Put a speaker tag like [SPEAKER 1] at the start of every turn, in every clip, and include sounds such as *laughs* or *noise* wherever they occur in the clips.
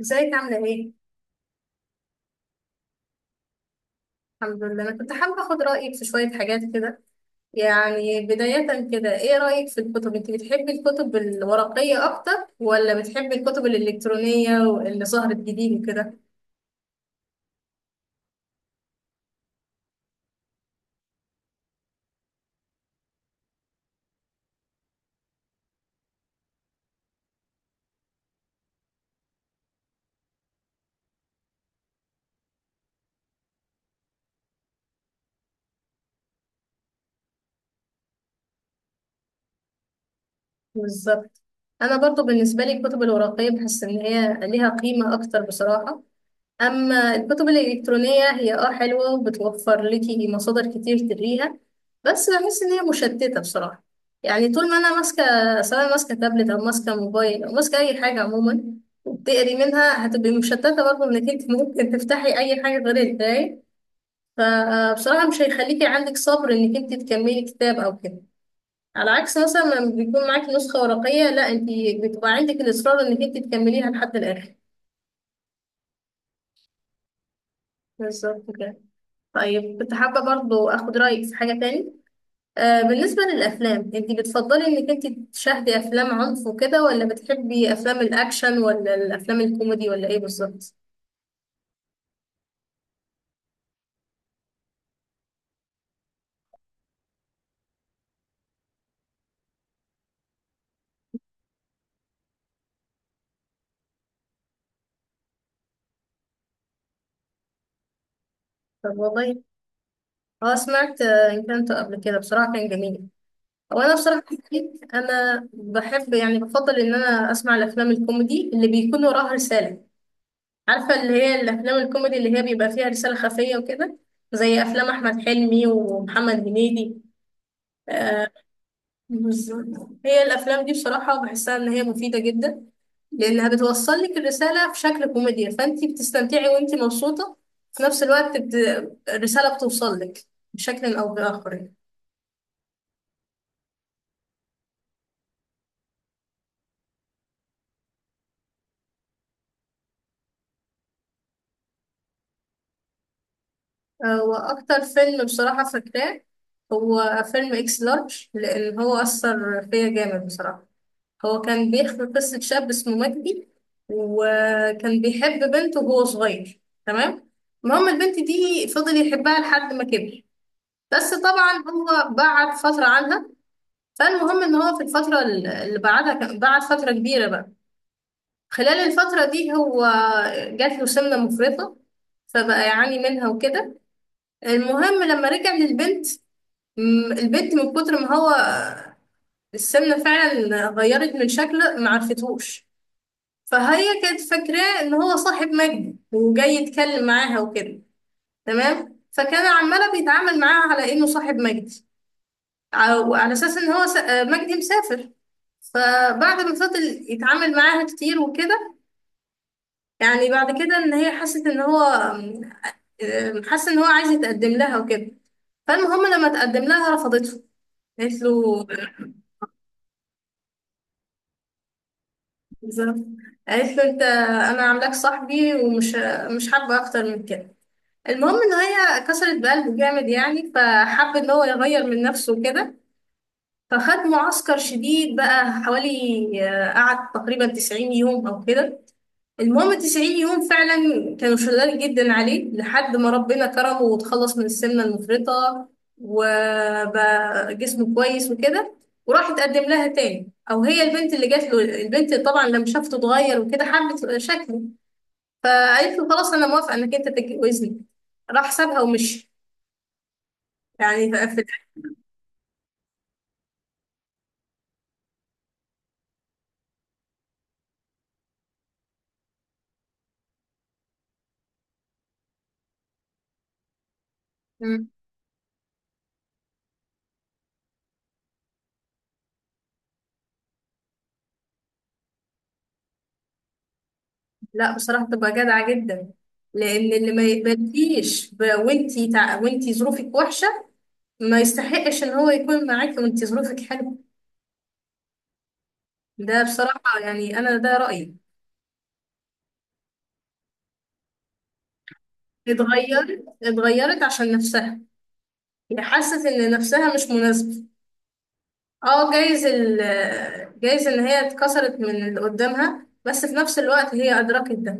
[SPEAKER 1] ازيك عاملة ايه؟ الحمد لله، انا كنت حابة اخد رأيك في شوية حاجات كده. يعني بداية كده، ايه رأيك في الكتب؟ انت بتحبي الكتب الورقية اكتر ولا بتحبي الكتب الالكترونية واللي ظهرت جديد وكده؟ بالظبط. انا برضو بالنسبة لي الكتب الورقية بحس ان هي ليها قيمة اكتر بصراحة. أما الكتب الإلكترونية هي حلوة وبتوفر لكي مصادر كتير تقريها، بس بحس إن هي مشتتة بصراحة. يعني طول ما أنا ماسكة، سواء ماسكة تابلت أو ماسكة موبايل أو ماسكة أي حاجة عموما، وبتقري منها هتبقي مشتتة برضه، إنك أنت ممكن تفتحي أي حاجة غير القراية. فبصراحة مش هيخليكي عندك صبر إنك أنت تكملي كتاب أو كده، على عكس مثلا لما بيكون معاكي نسخة ورقية، لا، أنت بتبقى عندك الإصرار إنك أنت تكمليها لحد الآخر. بالظبط كده. طيب كنت حابة برضو أخد رأيك في حاجة تاني. بالنسبة للأفلام، أنت بتفضلي إنك أنت تشاهدي أفلام عنف وكده، ولا بتحبي أفلام الأكشن، ولا الأفلام الكوميدي، ولا إيه بالظبط؟ طب والله أه سمعت، إن كنت قبل كده بصراحة كان جميل. هو أنا بصراحة، أنا بحب يعني بفضل إن أنا أسمع الأفلام الكوميدي اللي بيكون وراها رسالة. عارفة، اللي هي الأفلام الكوميدي اللي هي بيبقى فيها رسالة خفية وكده، زي أفلام أحمد حلمي ومحمد هنيدي. آه، بالظبط. هي الافلام دي بصراحه بحسها ان هي مفيده جدا، لانها بتوصل لك الرساله في شكل كوميديا، فانت بتستمتعي وانت مبسوطه في نفس الوقت الرساله بتوصل لك بشكل او باخر يعني. واكتر فيلم بصراحه فاكراه هو فيلم اكس لارج، لان هو اثر فيا جامد بصراحه. هو كان بيحكي قصه شاب اسمه مجدي، وكان بيحب بنت وهو صغير. تمام. المهم البنت دي فضل يحبها لحد ما كبر، بس طبعا هو بعد فترة عنها. فالمهم ان هو في الفترة اللي بعدها بعد فترة كبيرة بقى، خلال الفترة دي هو جات له سمنة مفرطة، فبقى يعاني منها وكده. المهم لما رجع للبنت، البنت من كتر ما هو السمنة فعلا غيرت من شكله معرفتهوش. فهي كانت فاكراه ان هو صاحب مجد وجاي يتكلم معاها وكده. تمام. فكان عمالة بيتعامل معاها على انه صاحب مجد، وعلى اساس ان هو مجدي مسافر. فبعد ما فضل يتعامل معاها كتير وكده، يعني بعد كده ان هي حست ان هو، حس ان هو عايز يتقدم لها وكده. فالمهم لما تقدم لها رفضته. قالت له بالظبط، قالت له انت انا عاملاك صاحبي ومش مش حابه اكتر من كده. المهم ان هي كسرت بقلبه جامد يعني، فحب ان هو يغير من نفسه كده. فخد معسكر شديد بقى، حوالي قعد تقريبا 90 يوم او كده. المهم 90 يوم فعلا كانوا شغال جدا عليه لحد ما ربنا كرمه وتخلص من السمنة المفرطة، وبقى جسمه كويس وكده. وراح اتقدم لها تاني، او هي البنت اللي جات له. البنت طبعا لما شافته اتغير وكده حبت شكله، فقالت له خلاص انا موافقة انك انت تتجوزني. راح سابها ومشي يعني. في مم. لا بصراحة بتبقى جادعة جدا، لأن اللي ما يقبلكيش ب- وانتي وانتي ظروفك وحشة، ما يستحقش ان هو يكون معاكي وانت ظروفك حلوه. ده بصراحه يعني انا ده رايي. اتغيرت عشان نفسها، هي حست ان نفسها مش مناسبه. اه جايز جايز ان هي اتكسرت من اللي قدامها، بس في نفس الوقت هي ادركت ده.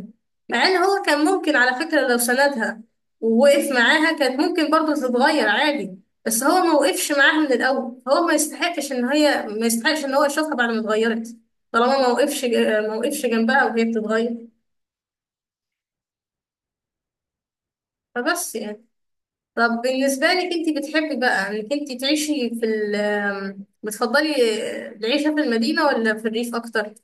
[SPEAKER 1] مع ان هو كان ممكن على فكرة لو سندها ووقف معاها، كانت ممكن برضه تتغير عادي. بس هو ما وقفش معاها من الاول، هو ما يستحقش ان هي، ما يستحقش ان هو يشوفها بعد ما اتغيرت، طالما ما وقفش، ما وقفش جنبها وهي بتتغير. فبس يعني. طب بالنسبة لك، انت بتحبي بقى انك انت تعيشي في بتفضلي العيشة في المدينة ولا في الريف اكتر؟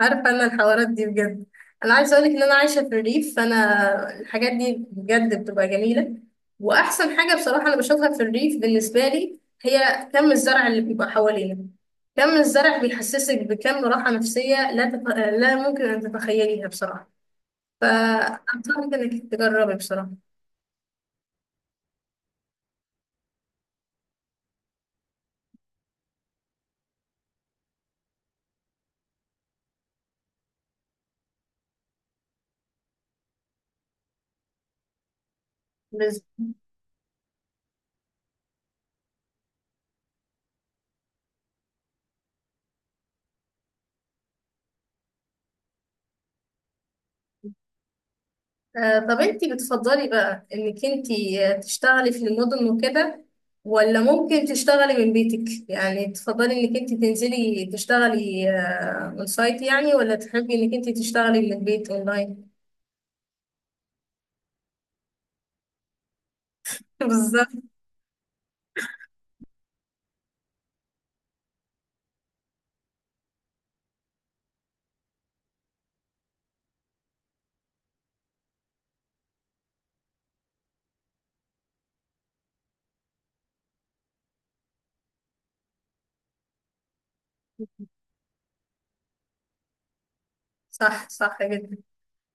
[SPEAKER 1] عارفة أنا الحوارات دي بجد، أنا عايزة أقولك إن أنا عايشة في الريف، فأنا الحاجات دي بجد بتبقى جميلة. وأحسن حاجة بصراحة أنا بشوفها في الريف بالنسبة لي هي كم الزرع اللي بيبقى حوالينا. كم الزرع بيحسسك بكم راحة نفسية لا لا ممكن أن تتخيليها بصراحة. فأنصحك إنك تجربي بصراحة. طب انتي بتفضلي بقى انك انتي، تشتغلي في المدن وكده، ولا ممكن تشتغلي من بيتك؟ يعني تفضلي انك انتي تنزلي تشتغلي اون سايت يعني، ولا تحبي انك انتي تشتغلي من البيت اونلاين؟ *laughs* بالظبط. صح، صح جدا.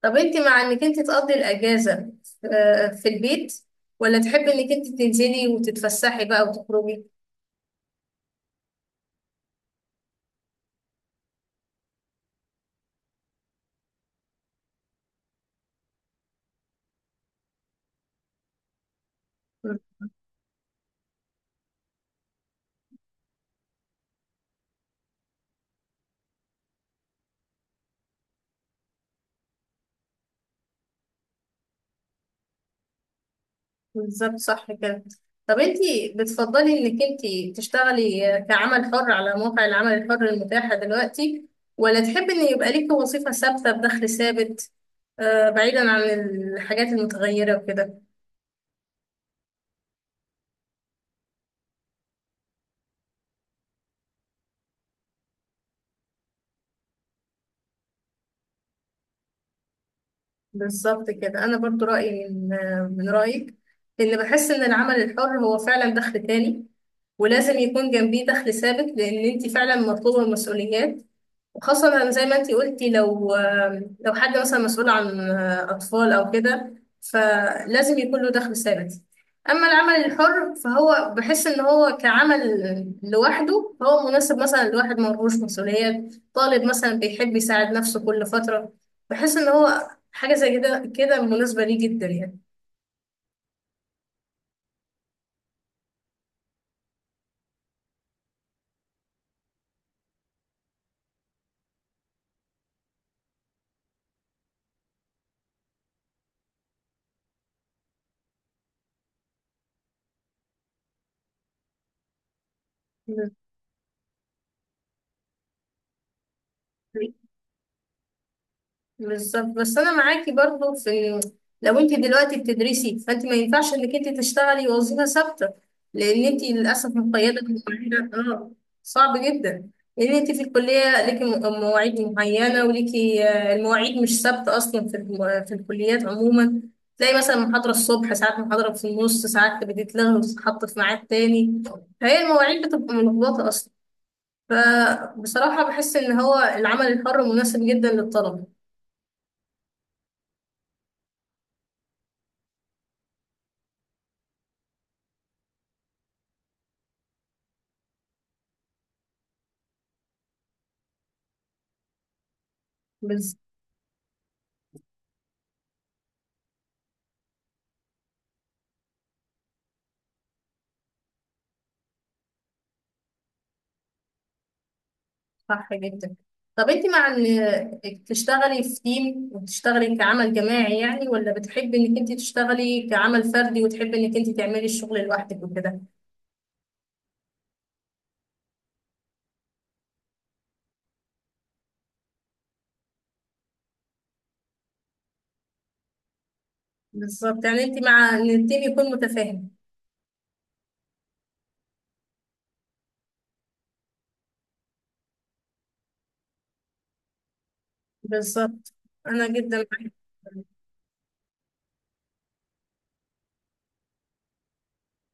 [SPEAKER 1] طب انتي مع انك انتي تقضي الاجازة في البيت، ولا تحبي انك انتي تنزلي وتتفسحي بقى وتخرجي؟ بالظبط صح كده. طب انتي بتفضلي انك انتي تشتغلي كعمل حر على موقع العمل الحر المتاحة دلوقتي، ولا تحبي ان يبقى ليكي وظيفة ثابتة بدخل ثابت، بعيدا عن الحاجات المتغيرة وكده؟ بالظبط كده. انا برضو رأيي من، من رأيك، لان بحس ان العمل الحر هو فعلا دخل تاني، ولازم يكون جنبيه دخل ثابت، لان انتي فعلا مطلوبة المسؤوليات، وخاصة زي ما انتي قلتي. لو، لو حد مثلا مسؤول عن أطفال أو كده، فلازم يكون له دخل ثابت. أما العمل الحر فهو بحس إن هو كعمل لوحده فهو مناسب مثلا لواحد ملهوش مسؤوليات، طالب مثلا بيحب يساعد نفسه كل فترة، بحس إن هو حاجة زي كده كده مناسبة ليه جدا. يعني بالظبط. بس انا معاكي برضو في، لو انت دلوقتي بتدرسي فانت ما ينفعش انك انت تشتغلي وظيفه ثابته، لان انت للاسف مقيده بمواعيد. اه صعب جدا. لان انت في الكليه ليكي مواعيد معينه وليكي، المواعيد مش ثابته اصلا في في الكليات عموما. تلاقي مثلا محاضره الصبح، ساعات محاضره في النص ساعات بتتلغى وتتحط في ميعاد تاني، فهي المواعيد بتبقى ملخبطه اصلا. فبصراحه بحس ان هو العمل الحر مناسب جدا للطلبه. صح جدا. طب انت مع ان تشتغلي في تيم وتشتغلي كعمل جماعي يعني، ولا بتحبي انك انت تشتغلي كعمل فردي وتحبي انك انت تعملي الشغل لوحدك وكده؟ بالظبط. يعني انت مع ان التيم يكون متفاهم. بالظبط. انا جدا معاكي.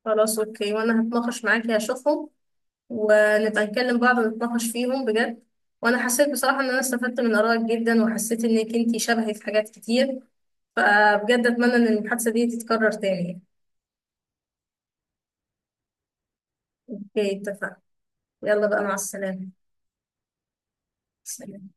[SPEAKER 1] خلاص اوكي، وانا هتناقش معاكي هشوفهم، ونبقى نكلم بعض ونتناقش فيهم بجد. وانا حسيت بصراحة ان انا استفدت من ارائك جدا، وحسيت انك انت شبهي في حاجات كتير، فبجد اتمنى ان المحادثة دي تتكرر تاني. اوكي اتفقنا. يلا بقى مع السلامة. سلام.